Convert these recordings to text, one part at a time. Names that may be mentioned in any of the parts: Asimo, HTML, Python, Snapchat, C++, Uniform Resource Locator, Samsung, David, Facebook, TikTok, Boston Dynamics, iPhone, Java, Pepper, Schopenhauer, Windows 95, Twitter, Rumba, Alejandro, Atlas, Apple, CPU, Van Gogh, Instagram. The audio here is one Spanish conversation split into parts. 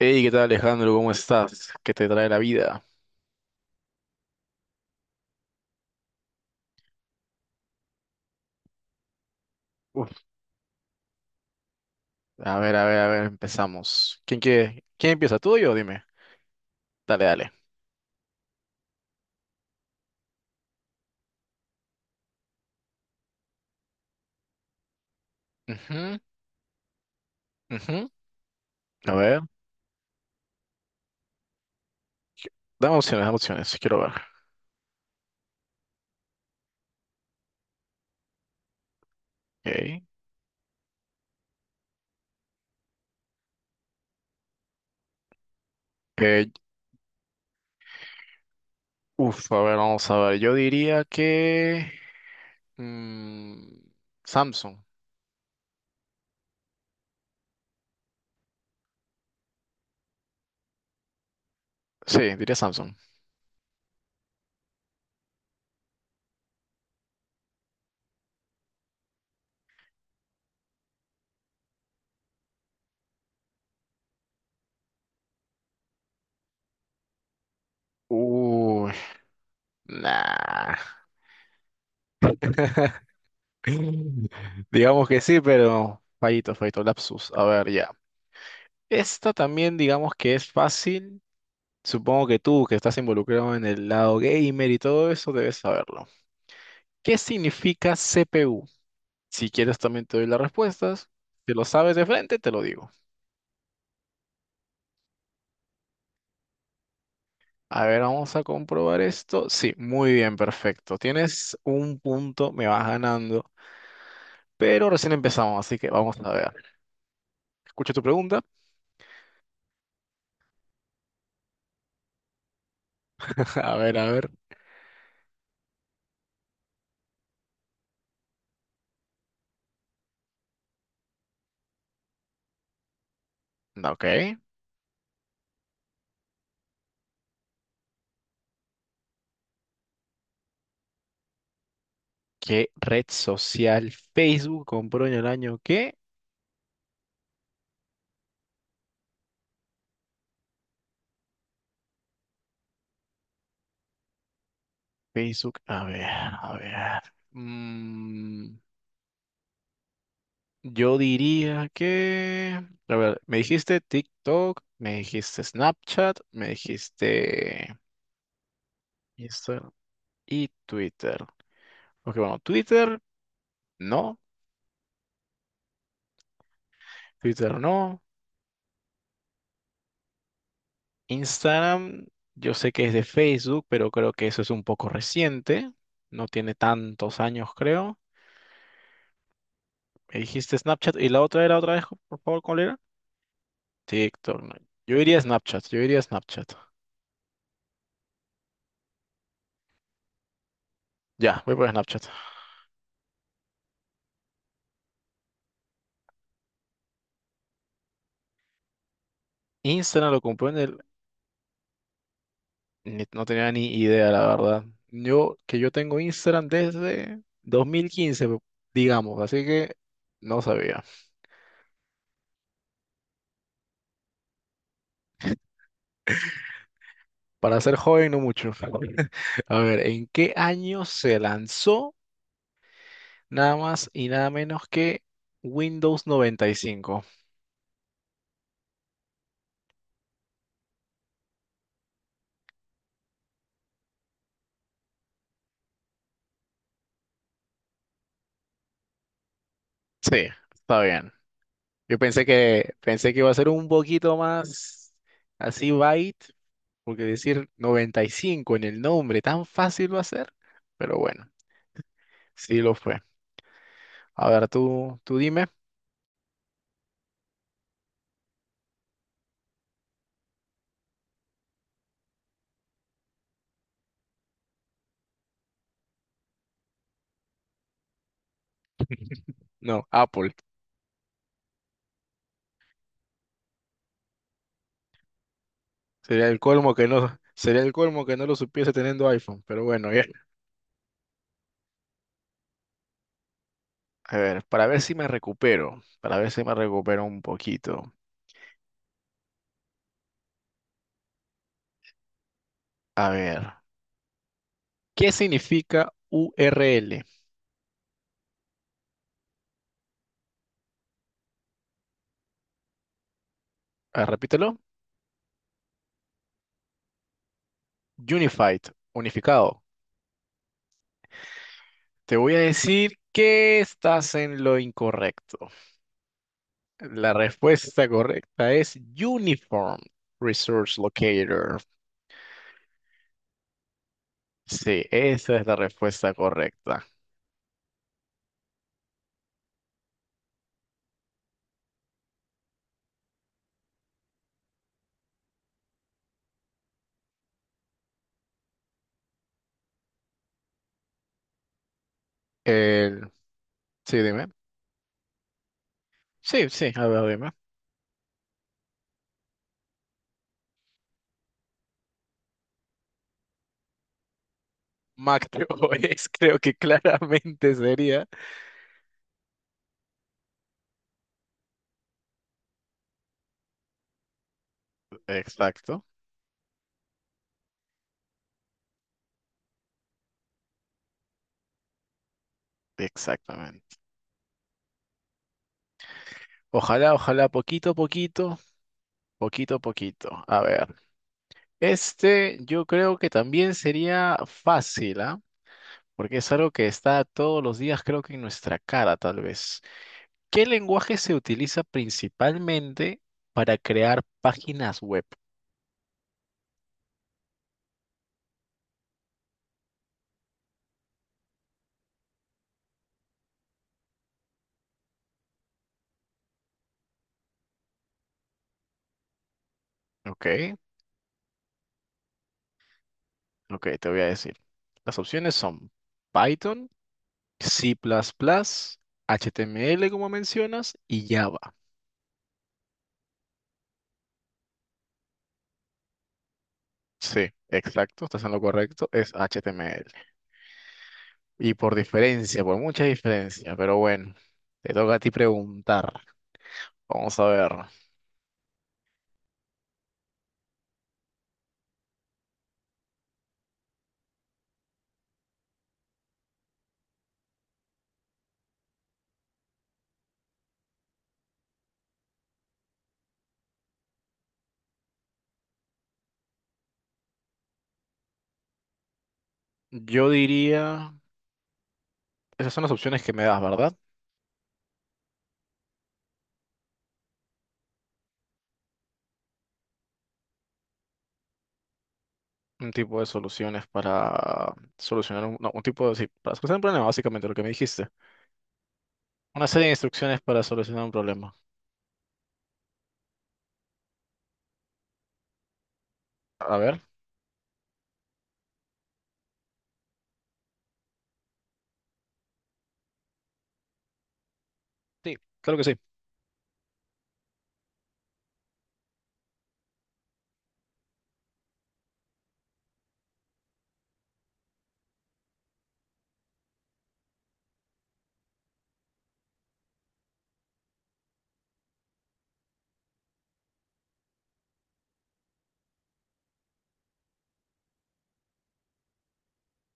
Hey, ¿qué tal Alejandro? ¿Cómo estás? ¿Qué te trae la vida? Uf, A ver, a ver, a ver, empezamos. ¿Quién quiere? ¿Quién empieza? ¿Tú o yo? Dime. Dale, dale. Ujú, ujú. A ver, dame opciones, dame opciones. Quiero ver. Ok. Eh, a ver, vamos a ver. Yo diría que... mm, Samsung. Sí, diría Samsung. Uy, nah. Digamos que sí, pero fallito, fallito, lapsus. A ver, ya. Esta también digamos que es fácil. Supongo que tú, que estás involucrado en el lado gamer y todo eso, debes saberlo. ¿Qué significa CPU? Si quieres, también te doy las respuestas. Si lo sabes de frente, te lo digo. A ver, vamos a comprobar esto. Sí, muy bien, perfecto. Tienes un punto, me vas ganando, pero recién empezamos, así que vamos a ver. Escucha tu pregunta. A ver, a ver. No, ok. ¿Qué red social Facebook compró en el año que? Facebook, a ver, a ver. Mm, Yo diría que, a ver, me dijiste TikTok, me dijiste Snapchat, me dijiste Instagram y Twitter. Ok, bueno, Twitter no, Twitter no. Instagram, yo sé que es de Facebook, pero creo que eso es un poco reciente. No tiene tantos años, creo. Me dijiste Snapchat y la otra era otra vez, por favor, ¿cuál era? TikTok, no. Yo diría Snapchat, yo diría Snapchat. Ya, voy por Snapchat. Instagram lo compró en el... Ni- No tenía ni idea, la verdad. Que yo tengo Instagram desde 2015, digamos, así que no sabía. Para ser joven, no mucho. A ver, ¿en qué año se lanzó nada más y nada menos que Windows 95? Sí, está bien. Pensé que iba a ser un poquito más así byte, porque decir 95 en el nombre tan fácil va a ser, pero bueno, sí lo fue. A ver, tú dime. No, Apple. Sería el colmo que no, sería el colmo que no lo supiese teniendo iPhone, pero bueno, ya. A ver, para ver si me recupero, para ver si me recupero un poquito. A ver, ¿qué significa URL? A ver, repítelo. Unified, unificado. Te voy a decir que estás en lo incorrecto. La respuesta correcta es Uniform Resource Locator. Sí, esa es la respuesta correcta. El... sí, dime. Sí, sí, a ver, dime. Macro es, creo que claramente sería. Exacto, exactamente. Ojalá, ojalá, poquito a poquito, poquito a poquito. A ver, este yo creo que también sería fácil, ¿ah? Porque es algo que está todos los días, creo que en nuestra cara, tal vez. ¿Qué lenguaje se utiliza principalmente para crear páginas web? Ok, ok, te voy a decir. Las opciones son Python, C++, HTML como mencionas y Java. Sí, exacto, estás en lo correcto, es HTML. Y por diferencia, por mucha diferencia, pero bueno, te toca a ti preguntar. Vamos a ver. Yo diría, esas son las opciones que me das, ¿verdad? Un tipo de soluciones para solucionar un, no, un tipo de, sí, para solucionar un problema, básicamente lo que me dijiste. Una serie de instrucciones para solucionar un problema. A ver. Sí, claro que sí.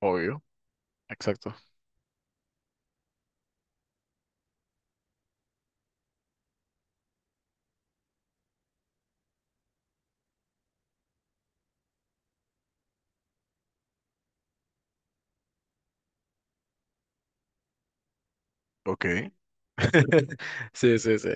Obvio. Exacto. Ok. Sí, sí, sí.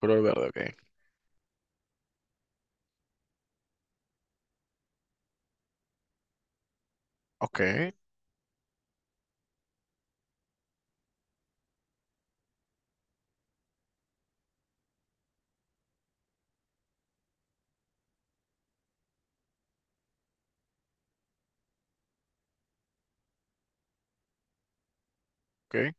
Color verde, ok. Ok, ok,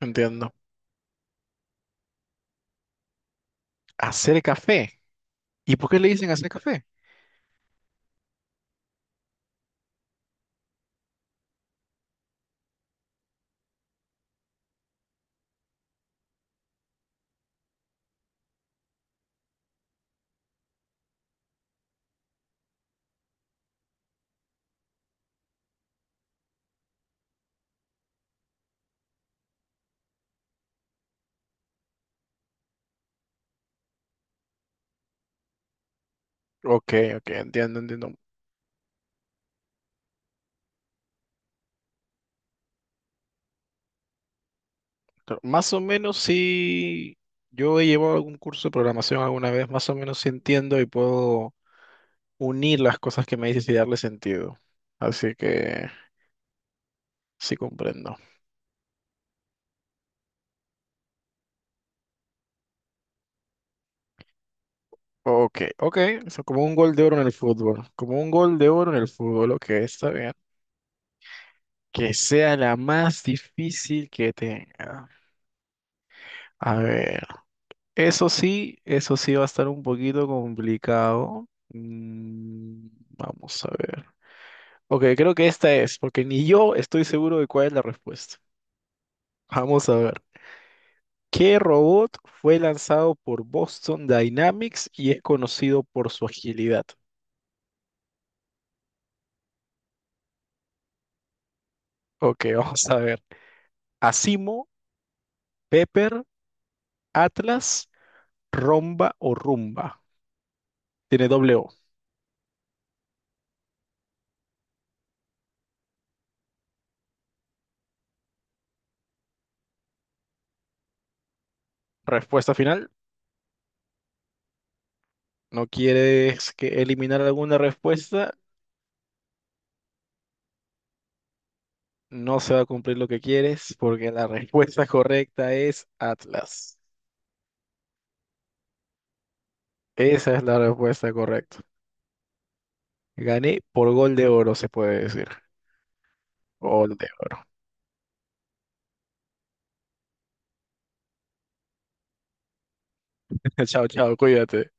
entiendo. Hacer café. ¿Y por qué le dicen hacer café? Ok, ok, entiendo, entiendo. Pero más o menos sí, yo he llevado algún curso de programación alguna vez, más o menos sí entiendo y puedo unir las cosas que me dices y darle sentido. Así que sí comprendo. Ok, ok, eso como un gol de oro en el fútbol, como un gol de oro en el fútbol, ok, está bien. Que sea la más difícil que tenga. A ver. Eso sí va a estar un poquito complicado. Vamos a ver. Ok, creo que esta es, porque ni yo estoy seguro de cuál es la respuesta. Vamos a ver. ¿Qué robot fue lanzado por Boston Dynamics y es conocido por su agilidad? Ok, vamos a ver. Asimo, Pepper, Atlas, Romba o Rumba. Tiene doble O. Respuesta final. ¿No quieres que eliminar alguna respuesta? No se va a cumplir lo que quieres porque la respuesta correcta es Atlas. Esa es la respuesta correcta. Gané por gol de oro, se puede decir. Gol de oro. Chao, chao, cuídate.